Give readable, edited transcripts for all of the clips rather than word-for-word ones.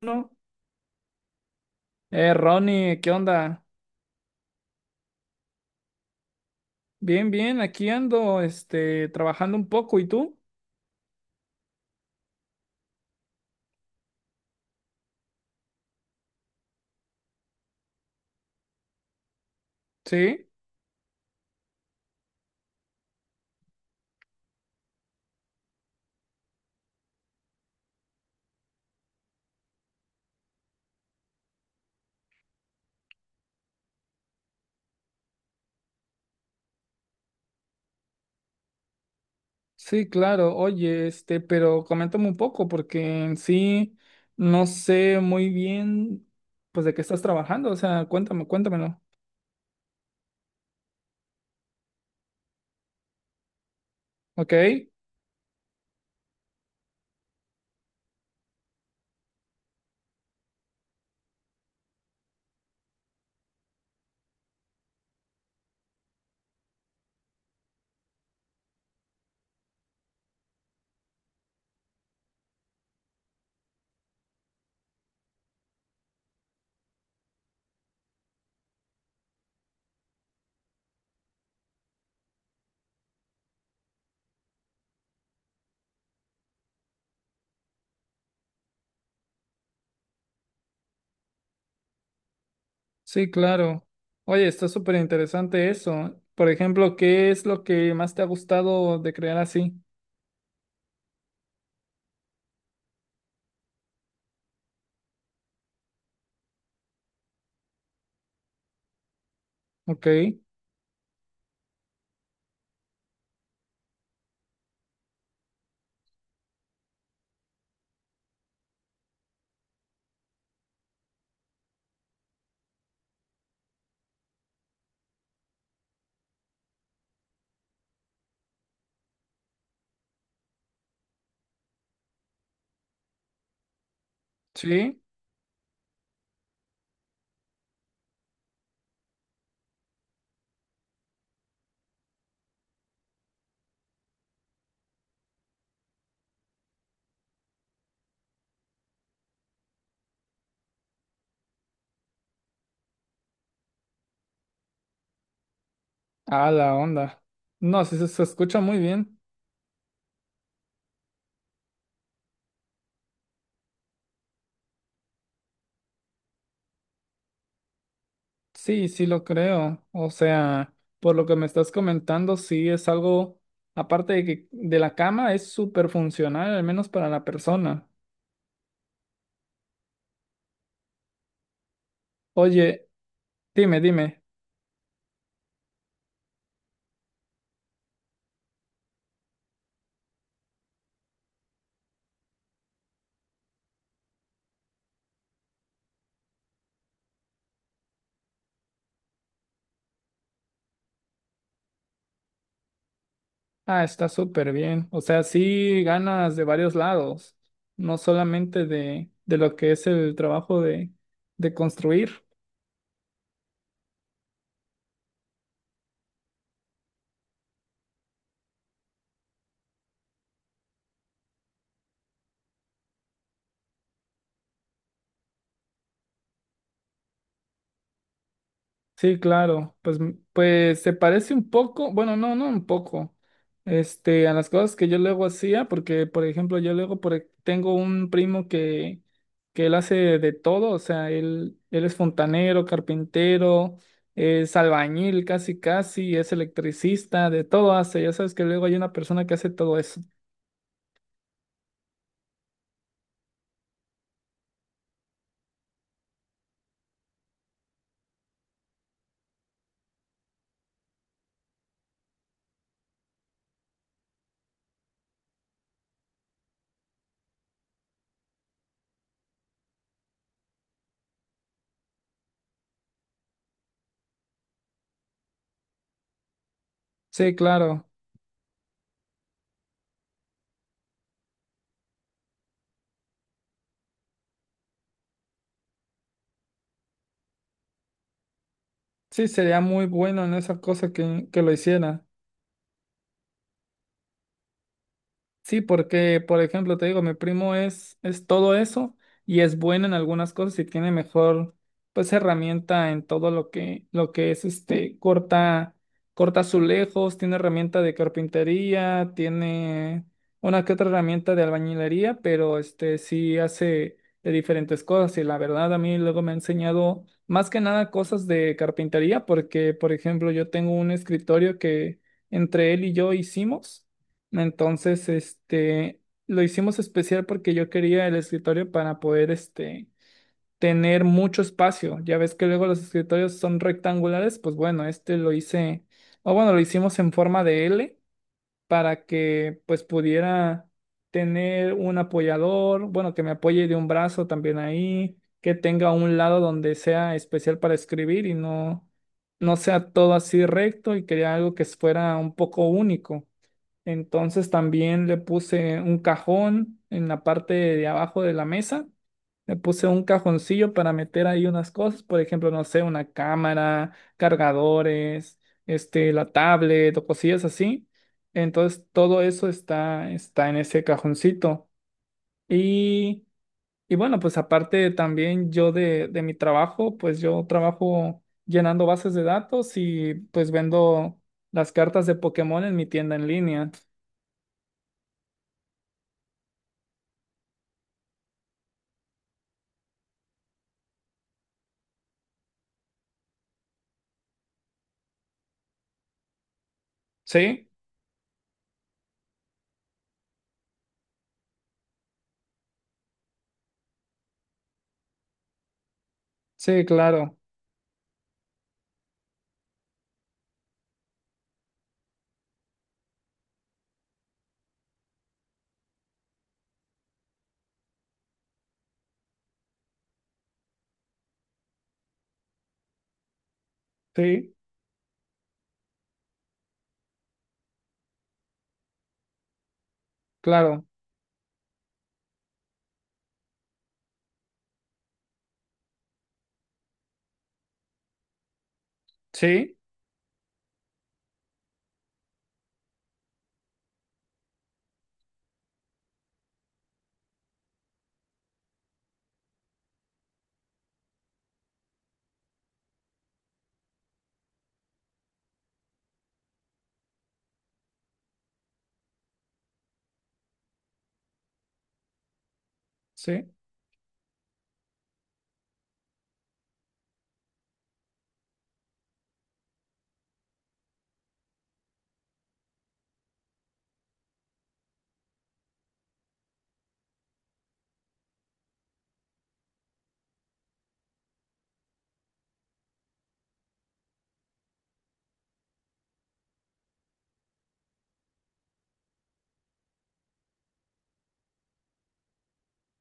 No. Ronnie, ¿qué onda? Bien, bien, aquí ando, este, trabajando un poco, ¿y tú? Sí, sí, claro, oye, este, pero coméntame un poco, porque en sí no sé muy bien, pues, de qué estás trabajando, o sea, cuéntame, cuéntamelo, ¿ok? Sí, claro. Oye, está súper interesante eso. Por ejemplo, ¿qué es lo que más te ha gustado de crear así? ¿Ok? Sí, ah, la onda. No, sí, se escucha muy bien. Sí, sí lo creo. O sea, por lo que me estás comentando, sí es algo, aparte de que de la cama, es súper funcional, al menos para la persona. Oye, dime, dime. Ah, está súper bien. O sea, sí ganas de varios lados, no solamente de lo que es el trabajo de construir. Sí, claro, pues, pues se parece un poco, bueno, no, no un poco, este, a las cosas que yo luego hacía, porque, por ejemplo, yo luego tengo un primo que él hace de todo, o sea, él es fontanero, carpintero, es albañil casi casi, es electricista, de todo hace, ya sabes que luego hay una persona que hace todo eso. Sí, claro, sí, sería muy bueno en esa cosa que lo hiciera. Sí, porque, por ejemplo, te digo, mi primo es todo eso y es bueno en algunas cosas y tiene mejor, pues, herramienta en todo lo que es, este, corta, corta azulejos, tiene herramienta de carpintería, tiene una que otra herramienta de albañilería, pero, este, sí hace de diferentes cosas y la verdad a mí luego me ha enseñado más que nada cosas de carpintería porque, por ejemplo, yo tengo un escritorio que entre él y yo hicimos. Entonces, este, lo hicimos especial porque yo quería el escritorio para poder, este, tener mucho espacio. Ya ves que luego los escritorios son rectangulares, pues bueno, este lo hice, o bueno, lo hicimos en forma de L para que pues pudiera tener un apoyador, bueno, que me apoye de un brazo también ahí, que tenga un lado donde sea especial para escribir y no, no sea todo así recto y quería algo que fuera un poco único. Entonces también le puse un cajón en la parte de abajo de la mesa. Le puse un cajoncillo para meter ahí unas cosas, por ejemplo, no sé, una cámara, cargadores, este, la tablet o cosillas así. Entonces todo eso está, está en ese cajoncito. Y, y bueno, pues aparte también yo de mi trabajo, pues yo trabajo llenando bases de datos y pues vendo las cartas de Pokémon en mi tienda en línea. ¿Sí? Sí, claro, sí, claro, sí, sí,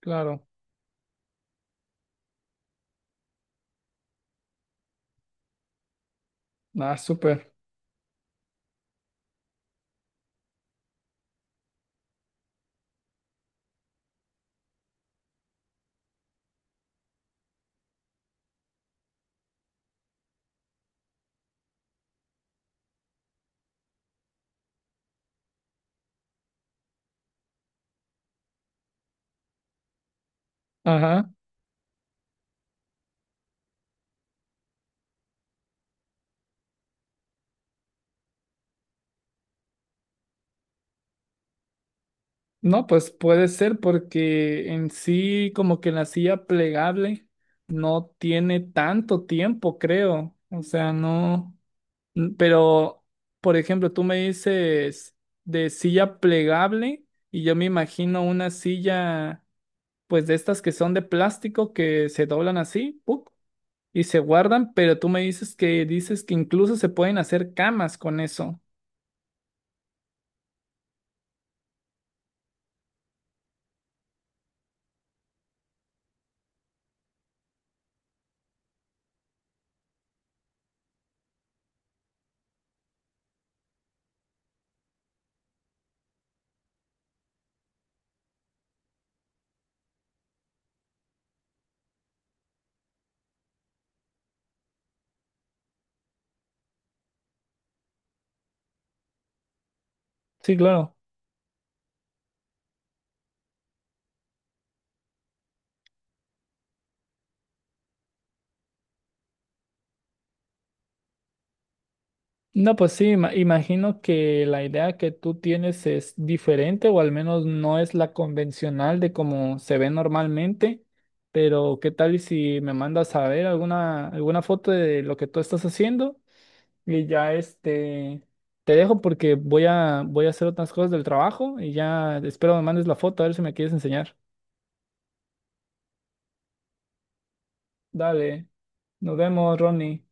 claro. Ah, súper. Ajá. No, pues puede ser porque en sí como que la silla plegable no tiene tanto tiempo, creo. O sea, no. Pero, por ejemplo, tú me dices de silla plegable y yo me imagino una silla, pues de estas que son de plástico que se doblan así, ¡puc! Y se guardan, pero tú me dices que incluso se pueden hacer camas con eso. Sí, claro. No, pues sí, imagino que la idea que tú tienes es diferente o al menos no es la convencional de cómo se ve normalmente, pero ¿qué tal y si me mandas a ver alguna, alguna foto de lo que tú estás haciendo? Y ya este, te dejo porque voy a, voy a hacer otras cosas del trabajo y ya espero me mandes la foto a ver si me quieres enseñar. Dale, nos vemos, Ronnie.